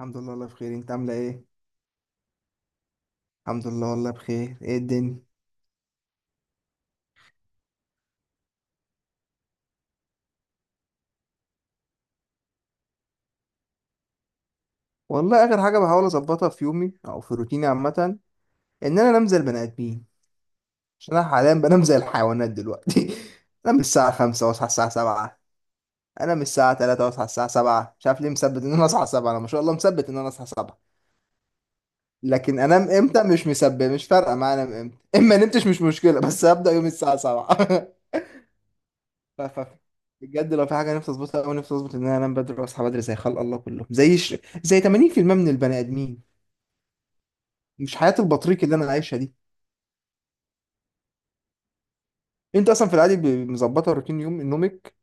الحمد لله، والله بخير. انت عامله ايه؟ الحمد لله، والله بخير. ايه الدنيا؟ والله اخر حاجه بحاول اظبطها في يومي او في روتيني عامه ان انا انام زي البني ادمين. عشان انا حاليا بنام زي الحيوانات دلوقتي انام الساعه 5 واصحى الساعه 7، انام الساعه 3 واصحى الساعه 7، مش عارف ليه مثبت ان انا اصحى 7. انا ما شاء الله مثبت ان انا اصحى 7، لكن انام امتى مش مثبت، مش فارقه معايا انام امتى اما نمتش، مش مشكله بس هبدا يومي الساعه 7 ف ف- بجد لو في حاجه نفسي اظبطها قوي، نفسي اظبط ان انا انام بدري واصحى بدري زي خلق الله كلهم، زي 80% من البني ادمين، مش حياه البطريق اللي انا عايشها دي. انت اصلا في العادي مظبطه روتين يوم نومك؟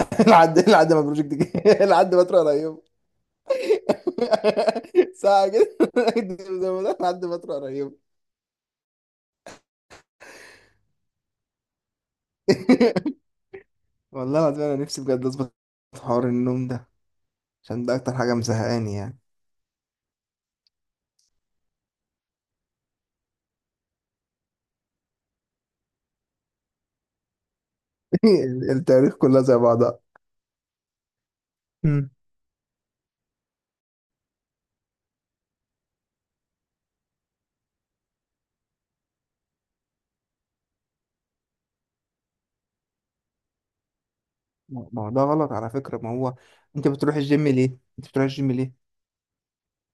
لحد ما البروجكت جه لحد ما تروح على يوم ساعه كده زي ما قلت، لحد ما تروح على يوم. والله العظيم انا نفسي بجد اظبط حوار النوم ده، عشان ده اكتر حاجه مزهقاني يعني. التاريخ كلها زي بعضها. ما هو ده غلط على فكرة. ما هو، انت بتروح الجيم ليه؟ انت بتروح الجيم ليه؟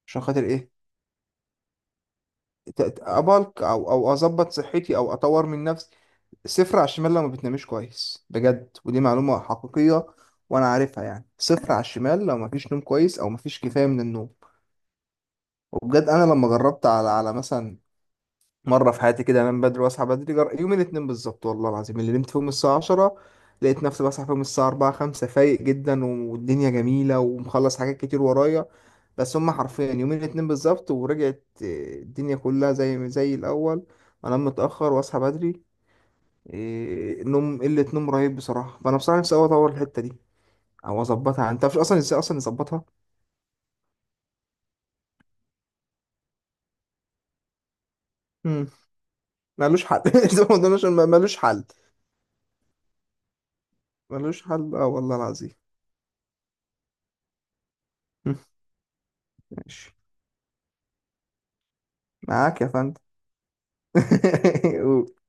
عشان خاطر ايه؟ ابلك او اظبط صحتي او اطور من نفسي. صفر على الشمال لو ما بتنامش كويس، بجد، ودي معلومة حقيقية وانا عارفها. يعني صفر على الشمال لو ما فيش نوم كويس او ما فيش كفاية من النوم. وبجد انا لما جربت على مثلا مره في حياتي كده انام بدري واصحى بدري، يوم الاثنين بالظبط والله العظيم اللي نمت فيهم الساعه 10، لقيت نفسي بصحى فيهم الساعه 4 5 فايق جدا والدنيا جميله ومخلص حاجات كتير ورايا، بس هم حرفيا يومين الاثنين بالظبط، ورجعت الدنيا كلها زي الاول، انام متاخر واصحى بدري. نوم قله، نوم رهيب بصراحه. فانا بصراحه نفسي أوي اطور الحته دي او اظبطها. انت مش اصلا، ازاي اصلا نظبطها؟ مم. ملوش حل زي ما قلنا، ملوش حل. ملوش حل، اه والله العظيم. مم. ماشي. معاك يا فندم.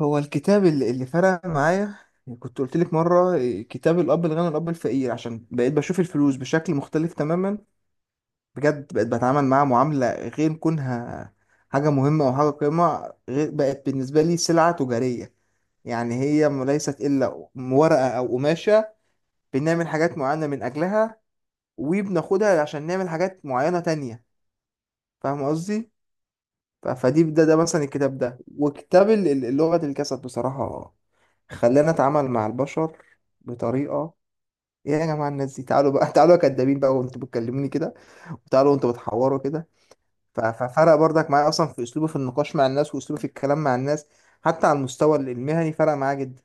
هو الكتاب اللي فرق معايا، كنت قلت لك مره، كتاب الاب الغني والاب الفقير، عشان بقيت بشوف الفلوس بشكل مختلف تماما. بجد بقيت بتعامل معاها معامله غير كونها حاجه مهمه او حاجه قيمه، غير بقت بالنسبه لي سلعه تجاريه. يعني هي ليست الا ورقه او قماشه بنعمل حاجات معينه من اجلها، وبناخدها عشان نعمل حاجات معينه تانية، فاهم قصدي؟ فدي ده مثلا، الكتاب ده وكتاب لغه الجسد، بصراحه خلانا اتعامل مع البشر بطريقه: ايه يا جماعه الناس دي، تعالوا بقى تعالوا يا كدابين بقى وانتوا بتكلموني كده، وتعالوا وانتوا بتحوروا كده. ففرق برضك معايا اصلا في اسلوبه في النقاش مع الناس، واسلوبه في الكلام مع الناس. حتى على المستوى المهني فرق معايا جدا.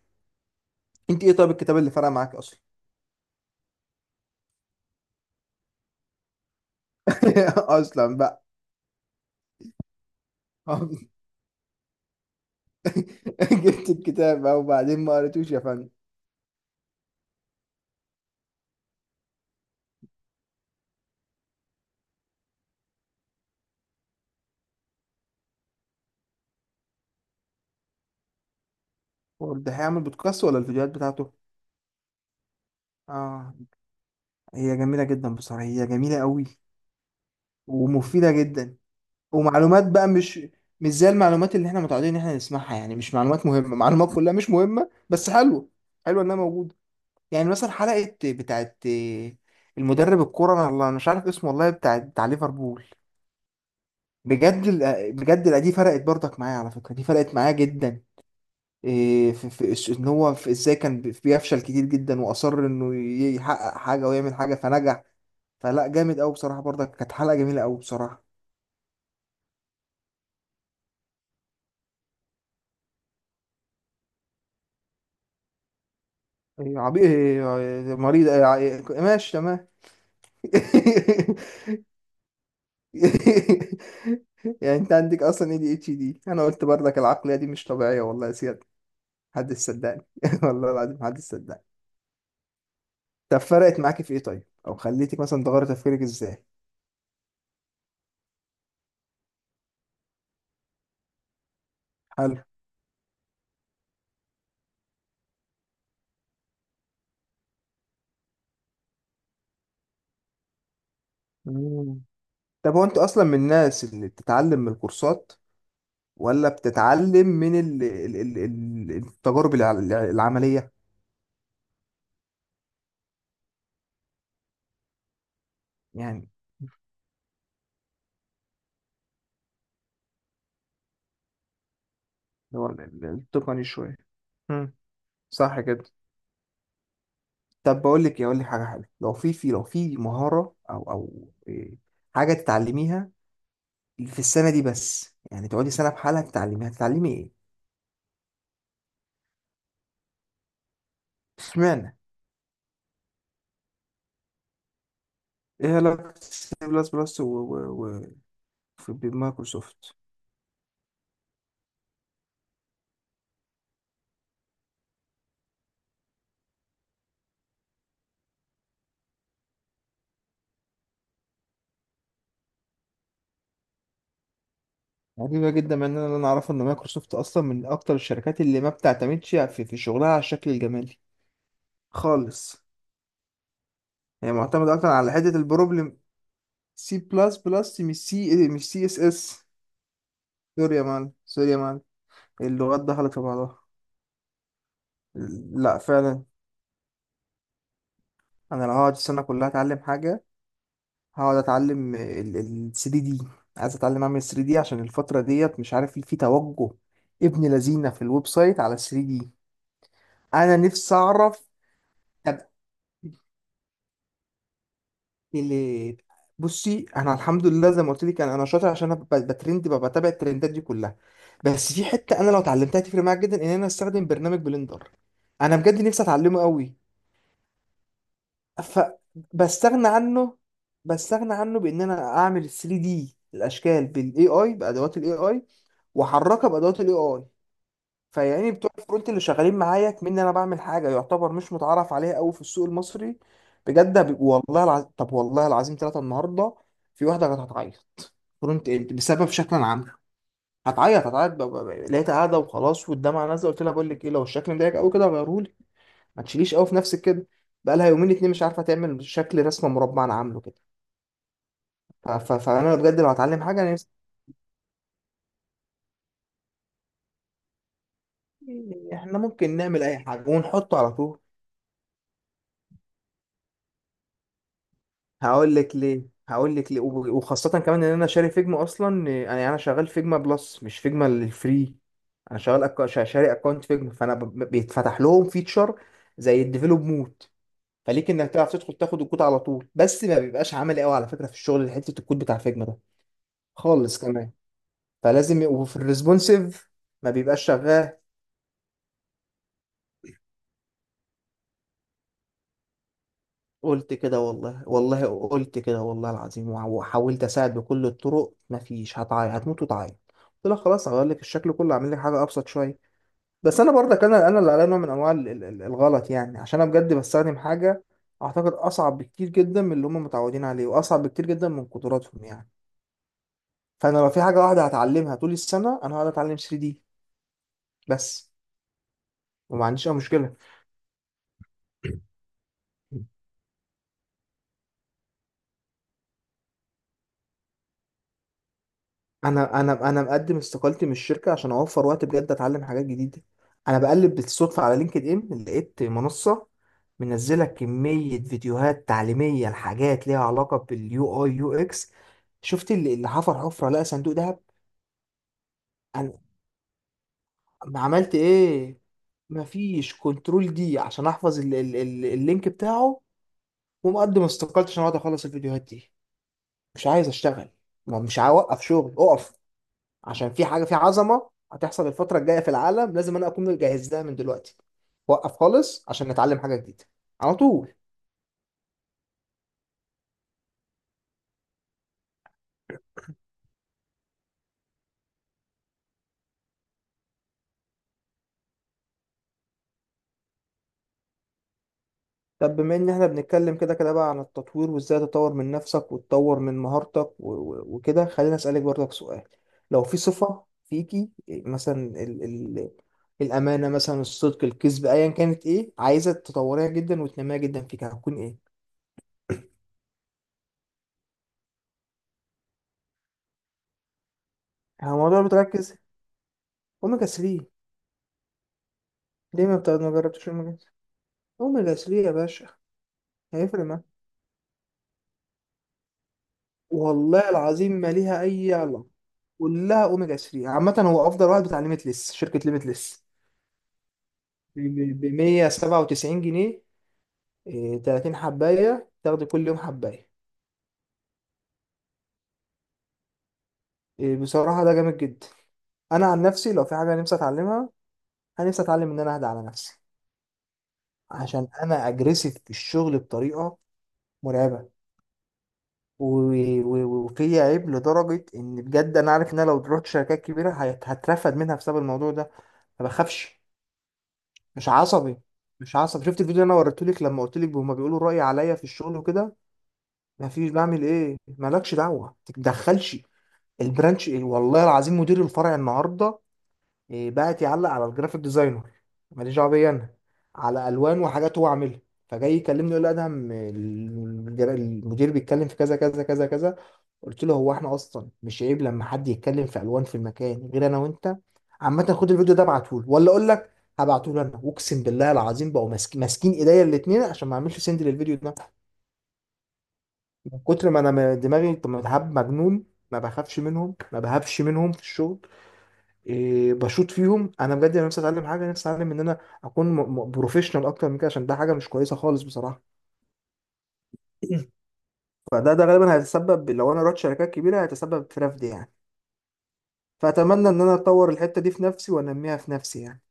انت ايه طيب الكتاب اللي فرق معاك اصلا؟ اصلا بقى؟ جبت الكتاب بقى وبعدين ما قريتوش يا فندم؟ هو ده هيعمل بودكاست ولا الفيديوهات بتاعته؟ اه. هي جميله جدا بصراحه، هي جميله قوي، ومفيده جدا. ومعلومات بقى مش زي المعلومات اللي احنا متعودين ان احنا نسمعها، يعني مش معلومات مهمة، معلومات كلها مش مهمة بس حلوة، حلوة انها موجودة. يعني مثلا حلقة بتاعت المدرب الكورة، انا والله مش عارف اسمه، والله بتاع ليفربول، بجد بجد، لا، دي فرقت برضك معايا على فكرة، دي فرقت معايا جدا. في ان هو، في ازاي كان بيفشل كتير جدا واصر انه يحقق حاجة ويعمل حاجة فنجح، فلا جامد قوي بصراحة، برضك كانت حلقة جميلة قوي بصراحة. عبي، مريض، إيه، إيه، ماشي تمام. يعني انت عندك اصلا اي دي اتش دي، انا قلت برضك العقلية دي مش طبيعية والله يا سياد، محدش صدقني والله العظيم محدش صدقني. طب فرقت معاكي في ايه طيب، او خليتك مثلا تغيري تفكيرك ازاي؟ حلو. مم. طب هو انت اصلا من الناس اللي بتتعلم من الكورسات، ولا بتتعلم من التجارب العملية، يعني اللي هو التقني شوية. مم. صح كده. طب بقول لك إيه، اقول لك حاجه حلوه، لو في لو في مهاره او او حاجه تتعلميها في السنه دي، بس يعني تقعدي سنه بحالها تتعلميها، تتعلمي ايه؟ اشمعنى؟ ايه علاقه سي بلس بلس و بمايكروسوفت؟ غريبة جدا، من ان انا اعرف ان مايكروسوفت اصلا من اكتر الشركات اللي ما بتعتمدش في شغلها على الشكل الجمالي خالص. هي معتمدة اكتر على حتة البروبلم. سي بلس بلس، مش سي، مش سي اس اس. سوري يا معلم، سوري يا معلم، اللغات دخلت في بعضها. لا فعلا، انا لو هقعد السنه كلها اتعلم حاجه، هقعد اتعلم ال 3 دي. عايز اتعلم اعمل 3 دي عشان الفتره ديت مش عارف في توجه ابن لذينه في الويب سايت على 3 دي. انا نفسي اعرف. طب ال- بصي، انا الحمد لله زي ما قلت لك، انا شاطر، عشان انا بترند، ببقى بتابع الترندات دي كلها. بس في حته انا لو اتعلمتها تفرق معايا جدا، ان انا استخدم برنامج بلندر. انا بجد نفسي اتعلمه قوي. فبستغنى عنه، بستغنى عنه بان انا اعمل 3 دي الاشكال بالاي اي، بادوات الاي اي، واحركها بادوات الاي اي. فيعني بتوع الفرونت اللي شغالين معايا كمان، انا بعمل حاجه يعتبر مش متعرف عليها قوي في السوق المصري. بجد والله العظيم، طب والله العظيم ثلاثه النهارده في واحده كانت هتعيط، فرونت اند، بسبب شكلا عام، هتعيط، هتعيط، لقيتها قاعده وخلاص والدمعه نازله، قلت لها بقول لك ايه، لو الشكل مضايقك قوي كده غيره، ما تشيليش قوي في نفسك كده. بقى لها يومين اتنين مش عارفه تعمل شكل رسمه مربع انا عامله كده. فانا بجد لو هتعلم حاجه انا نفسي. احنا ممكن نعمل اي حاجه ونحطه على طول. هقول لك ليه، هقول لك ليه، وخاصه كمان ان انا شاري فيجما اصلا، انا شغال فيجما بلس، مش فيجما الفري. انا شغال شاري اكونت فيجما، فانا بيتفتح لهم فيتشر زي الديفلوب مود، فليك انك تعرف تدخل تاخد الكود على طول، بس ما بيبقاش عملي قوي على فكره في الشغل، حته الكود بتاع فيجما ده خالص كمان، فلازم يبقوا في الريسبونسيف، ما بيبقاش شغال. قلت كده والله، والله قلت كده والله العظيم وحاولت اساعد بكل الطرق مفيش، هتعيط هتموت وتعيط. قلت لها خلاص هغير لك الشكل كله، اعمل لك حاجه ابسط شويه. بس انا برضك، انا اللي عليا نوع من انواع الغلط يعني، عشان انا بجد بستخدم حاجه اعتقد اصعب بكتير جدا من اللي هم متعودين عليه، واصعب بكتير جدا من قدراتهم يعني. فانا لو في حاجه واحده هتعلمها طول السنه، انا هقعد اتعلم 3 دي بس، وما عنديش اي مشكله. انا مقدم استقالتي من الشركه، عشان اوفر وقت بجد اتعلم حاجات جديده. انا بقلب بالصدفه على لينكد ان، لقيت منصه منزله كميه فيديوهات تعليميه لحاجات ليها علاقه باليو اي يو اكس، شفت اللي حفر حفره لقى صندوق دهب. انا عملت ايه؟ مفيش كنترول دي عشان احفظ ال ال ال اللينك بتاعه، ومقدم استقالتي عشان اقعد اخلص الفيديوهات دي. مش عايز اشتغل، ما مش عايز اوقف شغل، اقف عشان في حاجه في عظمه هتحصل الفتره الجايه في العالم، لازم انا اكون مجهز لها من دلوقتي. وقف خالص عشان نتعلم حاجه جديده، على طول. طب بما ان احنا بنتكلم كده كده بقى عن التطوير، وازاي تطور من نفسك وتطور من مهارتك وكده، خليني اسالك برضك سؤال. لو في صفه فيكي مثلا ال ال الامانه مثلا، الصدق، الكذب، ايا كانت، ايه عايزه تطوريها جدا وتنميها جدا فيك هتكون ايه؟ هو الموضوع بتركز، اوميجا 3. ليه ما ما جربتش اوميجا؟ اوميجا 3 يا باشا، هيفرق معاك والله العظيم. ما ليها اي علاقه، كلها اوميجا 3 عامه، هو افضل واحد بتاع ليميتلس، شركه ليميتلس، ب 197 جنيه، 30 حبايه، تاخدي كل يوم حبايه. بصراحه ده جامد جدا. انا عن نفسي لو في حاجه، أنا نفسي اتعلمها، انا نفسي اتعلم ان انا اهدى على نفسي، عشان انا اجريسيف في الشغل بطريقه مرعبه، وفي عيب لدرجه ان بجد انا عارف ان انا لو رحت شركات كبيره هترفد منها بسبب الموضوع ده، ما بخافش. مش عصبي، مش عصبي. شفت الفيديو اللي انا وريتهولك لما قلت لك هما بيقولوا رأي عليا في الشغل وكده؟ مفيش، بعمل ايه؟ مالكش دعوة، ما تتدخلش. البرانش إيه؟ والله العظيم مدير الفرع النهارده بقت يعلق على الجرافيك ديزاينر، ماليش دعوه بيا انا، على الوان وحاجات هو عاملها، فجاي يكلمني يقول لي ادهم المدير بيتكلم في كذا كذا كذا كذا. قلت له هو احنا اصلا مش عيب لما حد يتكلم في الوان في المكان غير انا وانت؟ عامه خد الفيديو ده ابعته له، ولا اقول لك هبعته له انا، اقسم بالله العظيم بقوا ماسكين ايديا الاثنين عشان ما اعملش سند للفيديو ده، من كتر ما انا دماغي طب متعب مجنون. ما بخافش منهم، ما بهابش منهم في الشغل، بشوط فيهم. انا بجد انا نفسي اتعلم حاجه، نفسي اتعلم ان انا اكون بروفيشنال اكتر من كده، عشان ده حاجه مش كويسه خالص بصراحه. فده ده غالبا هيتسبب، لو انا رحت شركات كبيره هيتسبب في رفض يعني، فاتمنى ان انا اطور الحته دي في نفسي وانميها في نفسي يعني.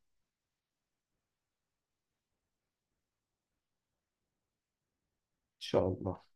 ان شاء الله.